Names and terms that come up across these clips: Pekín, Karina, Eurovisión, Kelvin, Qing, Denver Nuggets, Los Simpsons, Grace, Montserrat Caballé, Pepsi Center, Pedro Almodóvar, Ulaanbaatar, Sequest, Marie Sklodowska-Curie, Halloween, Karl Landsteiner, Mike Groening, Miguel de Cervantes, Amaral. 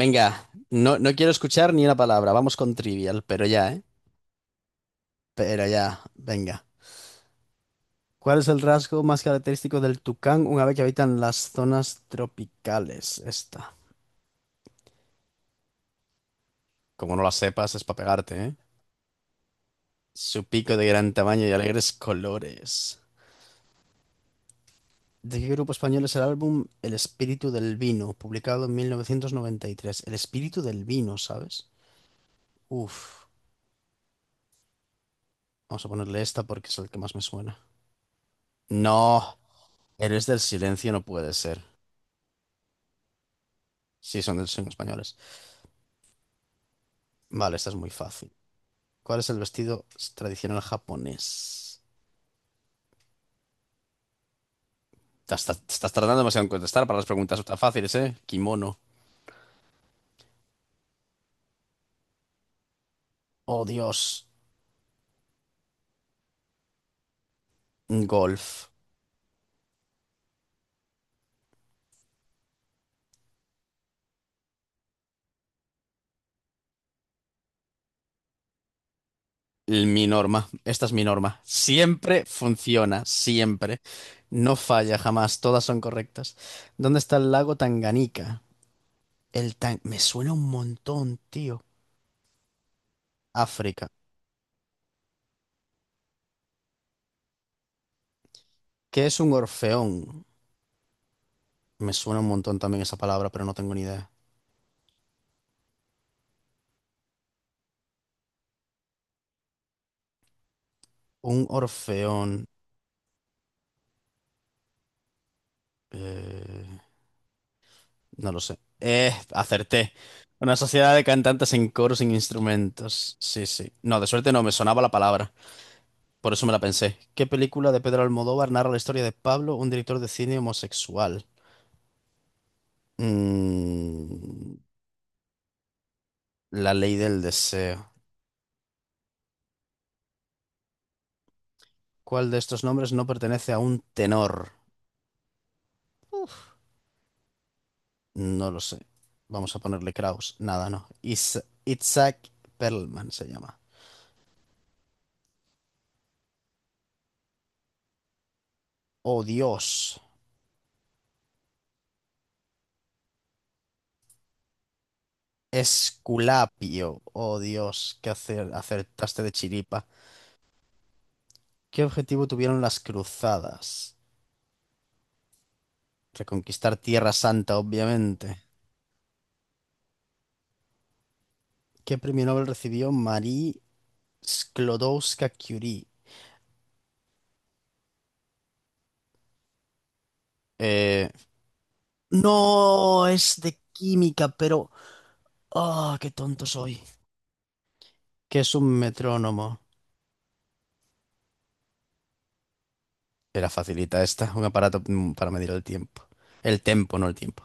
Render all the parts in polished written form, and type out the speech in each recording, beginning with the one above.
Venga, no, no quiero escuchar ni una palabra. Vamos con trivial, pero ya, ¿eh? Pero ya, venga. ¿Cuál es el rasgo más característico del tucán, una vez que habita en las zonas tropicales? Esta. Como no la sepas, es para pegarte, ¿eh? Su pico de gran tamaño y alegres colores. ¿De qué grupo español es el álbum El espíritu del vino, publicado en 1993? El espíritu del vino, ¿sabes? Uf. Vamos a ponerle esta porque es el que más me suena. No, eres del silencio no puede ser. Sí, son españoles. Vale, esta es muy fácil. ¿Cuál es el vestido tradicional japonés? Te estás tardando demasiado en contestar para las preguntas tan fáciles, ¿eh? Kimono. Oh, Dios. Golf. Mi norma. Esta es mi norma. Siempre funciona, siempre. No falla jamás, todas son correctas. ¿Dónde está el lago Tanganica? El tan... Me suena un montón, tío. África. ¿Qué es un orfeón? Me suena un montón también esa palabra, pero no tengo ni idea. Un orfeón. Eh, no lo sé. Acerté. Una sociedad de cantantes en coro sin instrumentos. Sí, sí. No, de suerte no, me sonaba la palabra. Por eso me la pensé. ¿Qué película de Pedro Almodóvar narra la historia de Pablo, un director de cine homosexual? Mm, La ley del deseo. ¿Cuál de estos nombres no pertenece a un tenor? No lo sé. Vamos a ponerle Kraus. Nada, no. Isaac Perlman se llama. Oh, Dios. Esculapio. Oh Dios, que acertaste de chiripa. ¿Qué objetivo tuvieron las cruzadas? Reconquistar Tierra Santa, obviamente. ¿Qué premio Nobel recibió Marie Sklodowska-Curie? Eh, no, es de química, pero... ¡Ah, qué tonto soy! ¿Qué es un metrónomo? Era facilita esta, un aparato para medir el tiempo. El tempo, no el tiempo.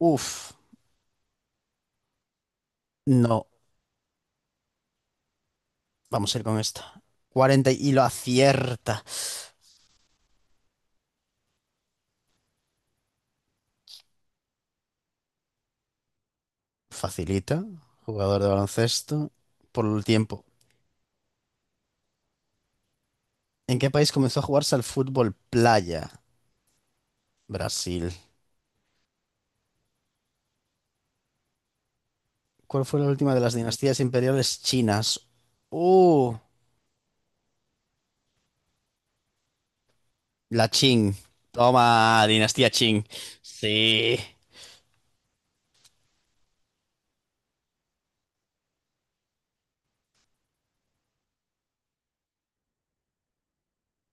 Uf, no, vamos a ir con esta. 40 y lo acierta. Facilita, jugador de baloncesto, por el tiempo. ¿En qué país comenzó a jugarse al fútbol playa? Brasil. ¿Cuál fue la última de las dinastías imperiales chinas? Uh, la Qing. Toma, dinastía Qing. Sí.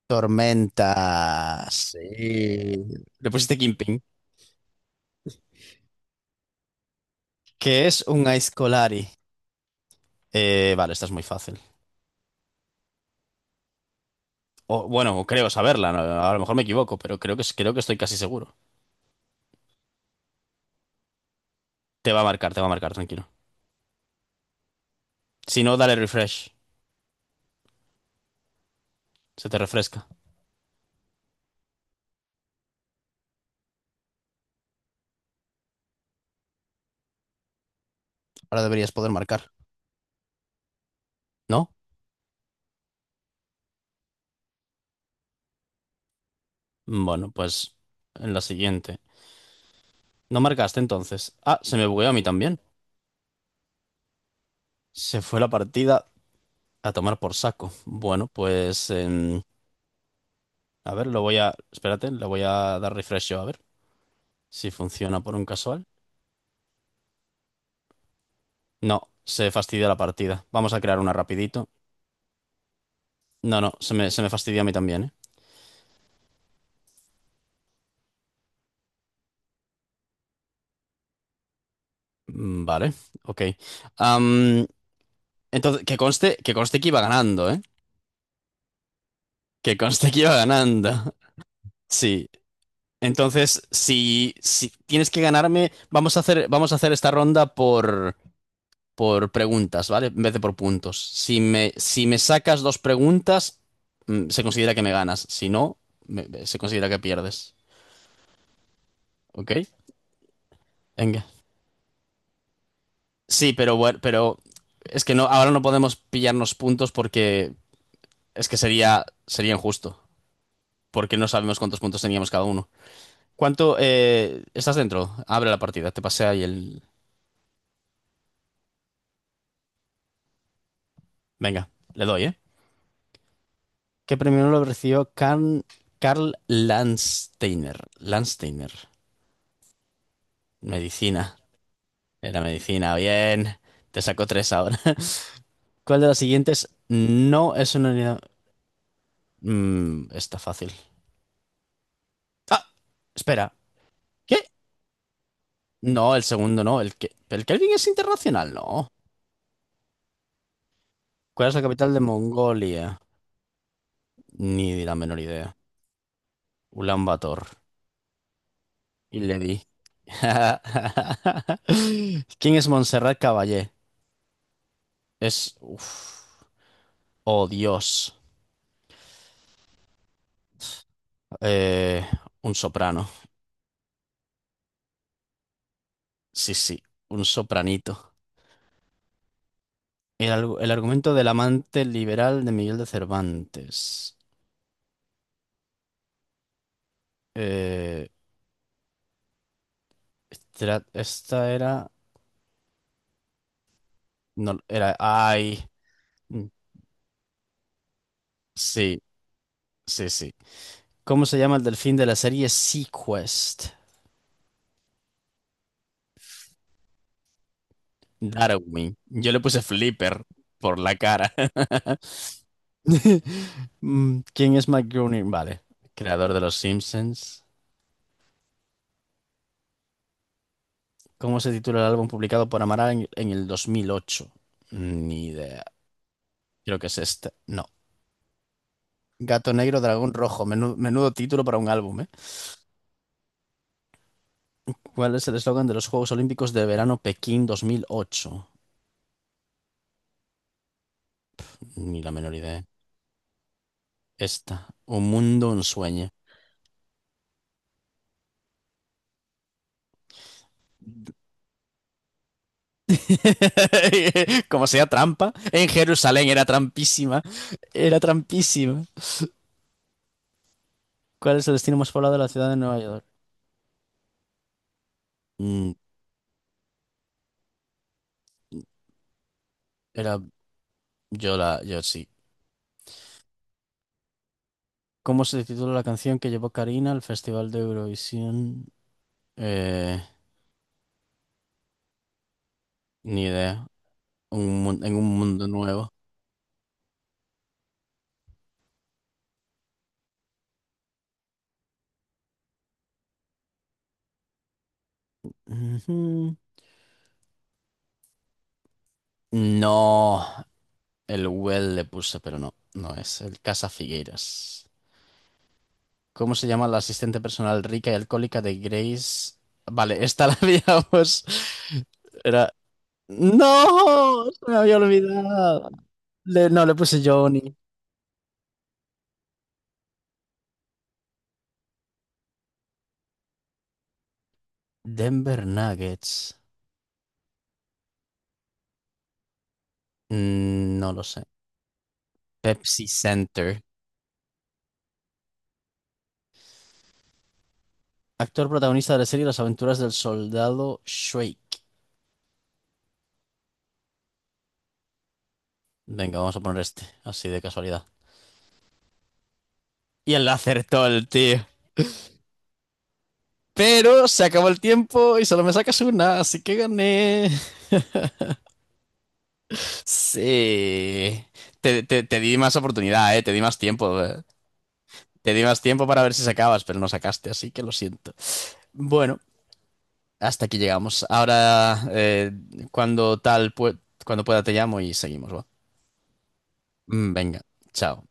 Tormenta. Sí. Le pusiste Kingpin. ¿Qué es un Aizkolari? Vale, esta es muy fácil. O, bueno, creo saberla, ¿no? A lo mejor me equivoco, pero creo que estoy casi seguro. Te va a marcar, te va a marcar, tranquilo. Si no, dale refresh. Se te refresca. Ahora deberías poder marcar. ¿No? Bueno, pues en la siguiente. No marcaste entonces. Ah, se me bugueó a mí también. Se fue la partida a tomar por saco. Bueno, pues... a ver, lo voy a... Espérate, le voy a dar refresh yo a ver si funciona por un casual. No, se fastidia la partida. Vamos a crear una rapidito. No, no, se me fastidia a mí también, ¿eh? Vale, ok. Am, entonces, que conste, que conste que iba ganando, ¿eh? Que conste que iba ganando. Sí. Entonces, si tienes que ganarme, vamos a hacer esta ronda por preguntas, ¿vale? En vez de por puntos. Si me sacas dos preguntas, se considera que me ganas. Si no, se considera que pierdes. ¿Ok? Venga. Sí, pero bueno, pero es que no, ahora no podemos pillarnos puntos porque es que sería, sería injusto. Porque no sabemos cuántos puntos teníamos cada uno. ¿Cuánto, estás dentro? Abre la partida, te pasé ahí el. Venga, le doy, ¿eh? ¿Qué premio lo recibió Karl Landsteiner? Landsteiner. Medicina. Era medicina. Bien. Te sacó tres ahora. ¿Cuál de las siguientes no es una unidad? Está fácil. Ah, espera. ¿Qué? No, el segundo no. El, que, el Kelvin es internacional, no. ¿Cuál es la capital de Mongolia? Ni la menor idea. Ulaanbaatar. Y le di. ¿Quién es Montserrat Caballé? Es... uf. Oh, Dios. Eh, un soprano. Sí, sí, un sopranito. El, el argumento del amante liberal de Miguel de Cervantes. Eh, esta, era... No, era... Ay. mm, Sí, sí, sí. ¿Cómo se llama el delfín de la serie Sequest? Darwin. Yo le puse Flipper por la cara. ¿Quién es Mike Groening? Vale. Creador de Los Simpsons. ¿Cómo se titula el álbum publicado por Amaral en el 2008? Ni idea. Creo que es este. No. Gato negro, dragón rojo. Menudo, título para un álbum, ¿eh? ¿Cuál es el eslogan de los Juegos Olímpicos de Verano Pekín 2008? Ni la menor idea. Esta. Un mundo, un sueño. Como sea trampa. En Jerusalén era trampísima. Era trampísima. ¿Cuál es el destino más poblado de la ciudad de Nueva York? Mm, era yo la, yo sí. ¿Cómo se titula la canción que llevó Karina al Festival de Eurovisión? Eh, ni idea. En un mundo nuevo. Ujú. No, el Well le puse, pero no, no es el Casa Figueiras. ¿Cómo se llama la asistente personal rica y alcohólica de Grace? Vale, esta la habíamos. Era. ¡No! Se me había olvidado. No, le puse Johnny. Denver Nuggets. No lo sé. Pepsi Center. Actor protagonista de la serie Las aventuras del soldado Shake. Venga, vamos a poner este, así de casualidad. Y él la acertó el tío. Pero se acabó el tiempo y solo me sacas una, así que gané. Sí. Te di más oportunidad, eh. Te di más tiempo. Eh. Te di más tiempo para ver si sacabas, pero no sacaste, así que lo siento. Bueno, hasta aquí llegamos. Ahora, cuando tal, cuando pueda te llamo y seguimos, ¿va? Venga, chao.